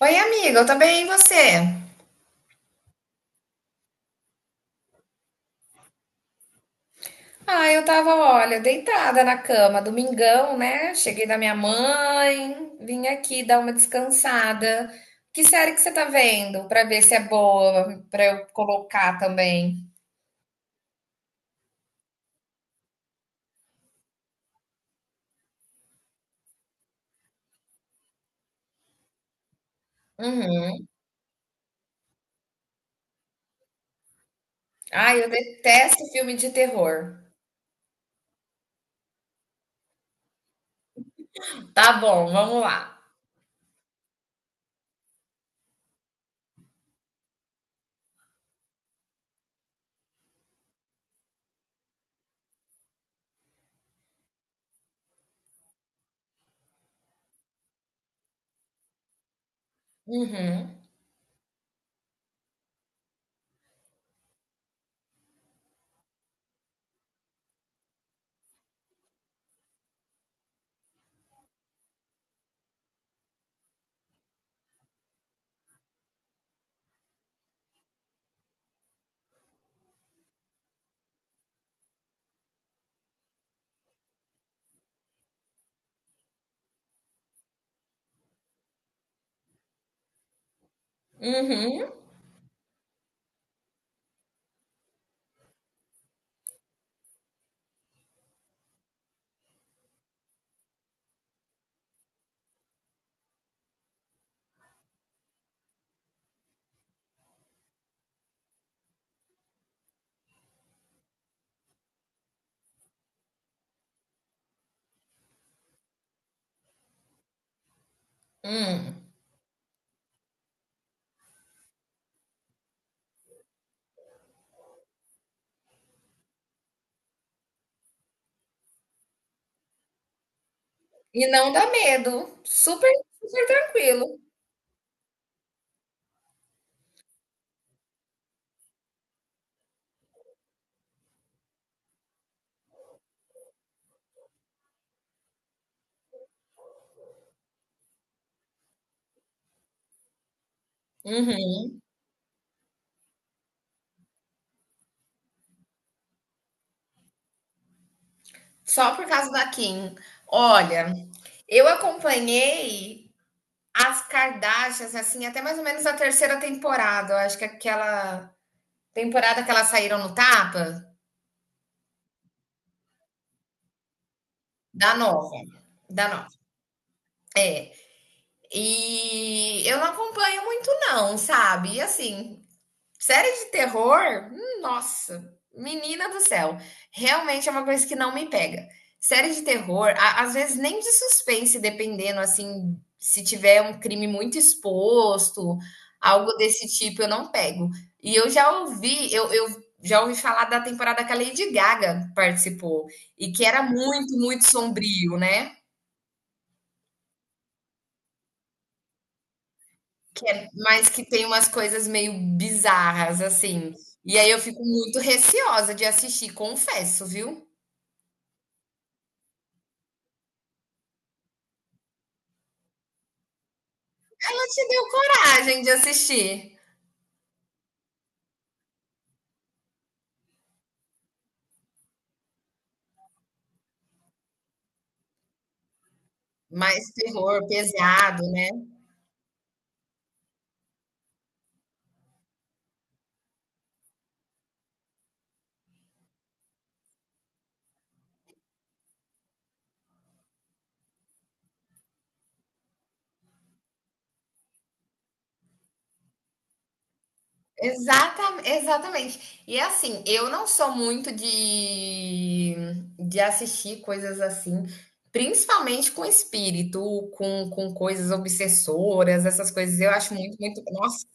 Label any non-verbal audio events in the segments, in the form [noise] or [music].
Oi, amiga, eu tô bem, e você? Ah, eu tava, olha, deitada na cama, domingão, né? Cheguei da minha mãe, vim aqui dar uma descansada. Que série que você tá vendo? Pra ver se é boa, pra eu colocar também. Uhum. Ai, eu detesto filme de terror. Tá bom, vamos lá. Uhum. Uhum. Hum. E não dá medo. Super, super tranquilo. Uhum. Só por causa da Kim. Olha, eu acompanhei as Kardashians, assim, até mais ou menos a terceira temporada. Eu acho que aquela temporada que elas saíram no tapa, da nova. Da nova. É. E eu não acompanho muito, não, sabe? E assim, série de terror? Nossa, menina do céu. Realmente é uma coisa que não me pega. Série de terror, às vezes nem de suspense, dependendo, assim, se tiver um crime muito exposto, algo desse tipo, eu não pego. E eu já ouvi falar da temporada que a Lady Gaga participou, e que era muito, muito sombrio, né? Que é mas que tem umas coisas meio bizarras, assim. E aí eu fico muito receosa de assistir, confesso, viu? Ela te deu coragem de assistir. Mais terror pesado, né? Exatamente. E assim, eu não sou muito de assistir coisas assim, principalmente com espírito, com coisas obsessoras, essas coisas. Eu acho muito, muito. Nossa,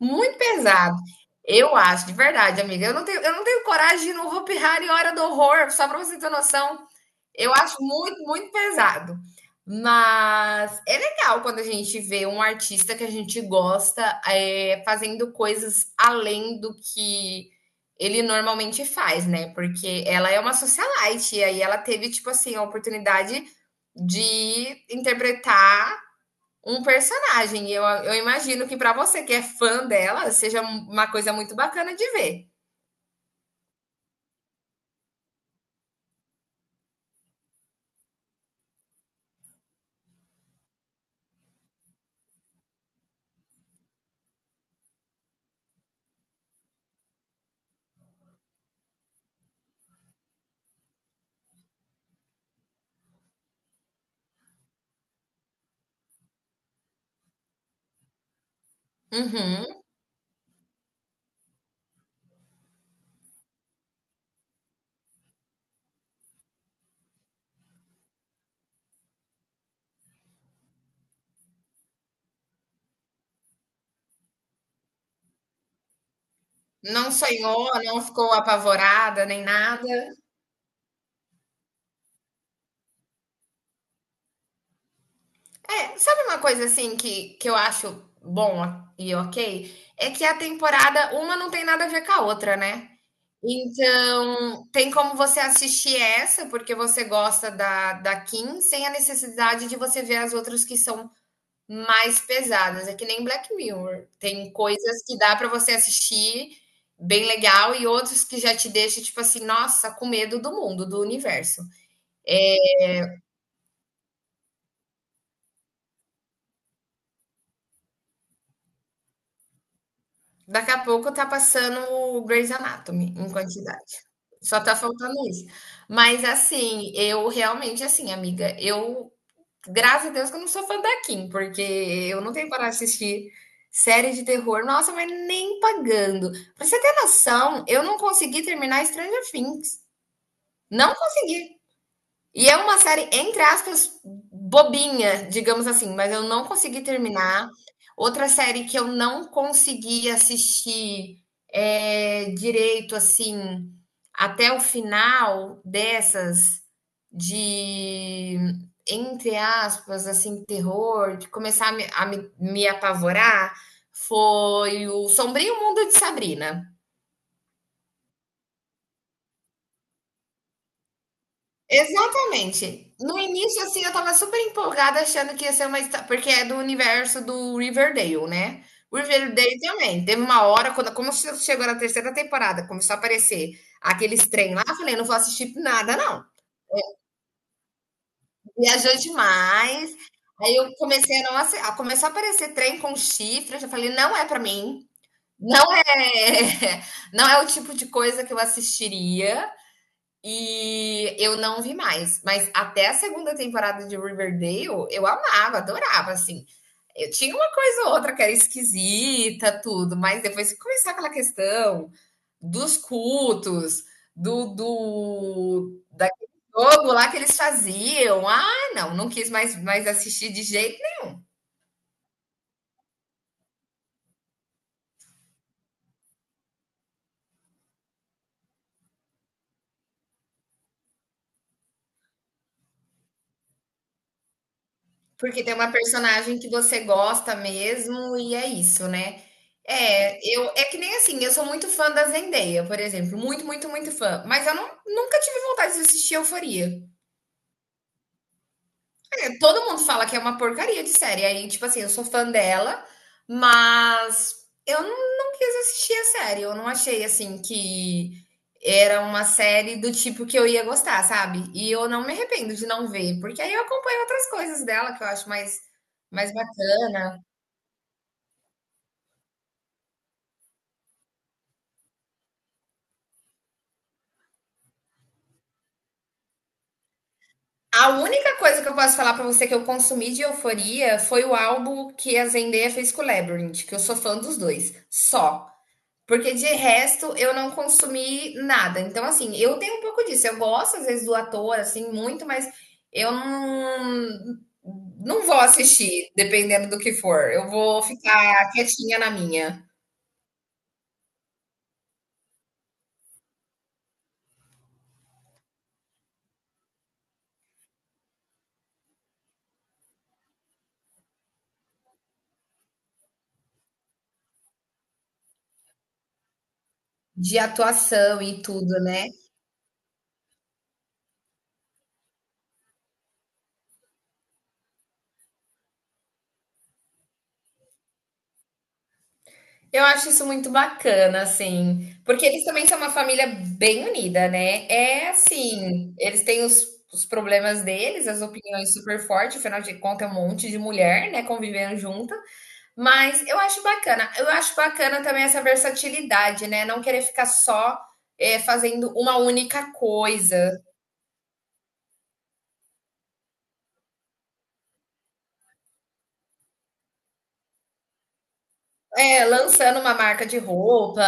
muito pesado. Eu acho, de verdade, amiga. Eu não tenho coragem de ir no Hopi Hari Hora do Horror, só para você ter noção. Eu acho muito, muito pesado. Mas é legal quando a gente vê um artista que a gente gosta fazendo coisas além do que ele normalmente faz, né? Porque ela é uma socialite, e aí ela teve, tipo assim, a oportunidade de interpretar um personagem. Eu imagino que para você que é fã dela, seja uma coisa muito bacana de ver. Uhum. Não sonhou, não ficou apavorada nem nada. É, sabe uma coisa assim que eu acho bom e ok? É que a temporada, uma não tem nada a ver com a outra, né? Então, tem como você assistir essa, porque você gosta da Kim, sem a necessidade de você ver as outras que são mais pesadas, é que nem Black Mirror. Tem coisas que dá pra você assistir bem legal e outros que já te deixa, tipo assim, nossa, com medo do mundo, do universo. Daqui a pouco tá passando o Grey's Anatomy em quantidade. Só tá faltando isso. Mas assim, eu realmente assim, amiga, eu graças a Deus que eu não sou fã da Kim, porque eu não tenho para assistir série de terror. Nossa, mas nem pagando. Pra você ter noção, eu não consegui terminar Stranger Things. Não consegui. E é uma série, entre aspas, bobinha, digamos assim, mas eu não consegui terminar. Outra série que eu não consegui assistir direito, assim, até o final dessas, de, entre aspas, assim, terror, de começar a me apavorar, foi o Sombrio Mundo de Sabrina. Exatamente. No início, assim, eu tava super empolgada achando que ia ser uma histó porque é do universo do Riverdale, né. O Riverdale também, teve uma hora quando como che chegou na terceira temporada, começou a aparecer aqueles trem lá, eu falei: não vou assistir nada não, viajou demais". Aí eu comecei a não assi a começou a aparecer trem com chifre, eu já falei: "Não é pra mim, não é [laughs] não é o tipo de coisa que eu assistiria". E eu não vi mais, mas até a segunda temporada de Riverdale eu amava, adorava, assim. Eu tinha uma coisa ou outra que era esquisita, tudo, mas depois que começou aquela questão dos cultos, do, do daquele jogo lá que eles faziam, ah, não, não quis mais assistir de jeito. Porque tem uma personagem que você gosta mesmo e é isso, né. É, eu é que nem assim, eu sou muito fã da Zendaya, por exemplo, muito, muito, muito fã, mas eu não nunca tive vontade de assistir Euforia. É, todo mundo fala que é uma porcaria de série, aí, tipo assim, eu sou fã dela, mas eu não quis assistir a série, eu não achei, assim, que era uma série do tipo que eu ia gostar, sabe. E eu não me arrependo de não ver, porque aí eu acompanho outras coisas dela que eu acho mais bacana. A única coisa que eu posso falar pra você que eu consumi de Euforia foi o álbum que a Zendaya fez com o Labyrinth, que eu sou fã dos dois, só. Porque de resto eu não consumi nada. Então, assim, eu tenho um pouco disso. Eu gosto às vezes do ator, assim, muito, mas eu não vou assistir, dependendo do que for. Eu vou ficar quietinha na minha, de atuação e tudo, né? Eu acho isso muito bacana, assim, porque eles também são uma família bem unida, né? É assim, eles têm os problemas deles, as opiniões super fortes, afinal de contas é um monte de mulher, né, convivendo junta, mas eu acho bacana. Eu acho bacana também essa versatilidade, né? Não querer ficar só fazendo uma única coisa. É, lançando uma marca de roupa,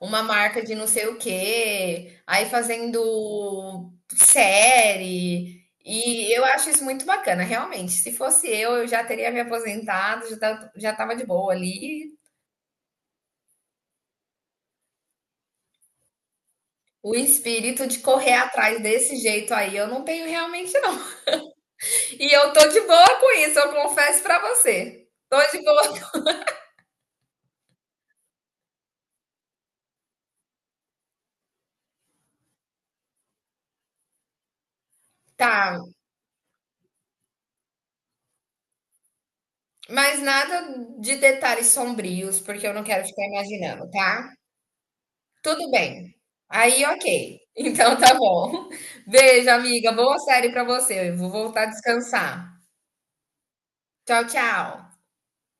uma marca de não sei o quê, aí fazendo série. E eu acho isso muito bacana, realmente. Se fosse eu já teria me aposentado, já estava de boa ali. O espírito de correr atrás desse jeito aí, eu não tenho realmente, não. E eu tô de boa com isso, eu confesso pra você. Tô de boa. Tá, mas nada de detalhes sombrios, porque eu não quero ficar imaginando, tá? Tudo bem. Aí, ok. [laughs] Então tá bom. [laughs] Beijo, amiga. Boa série pra você. Eu vou voltar a descansar. Tchau, tchau.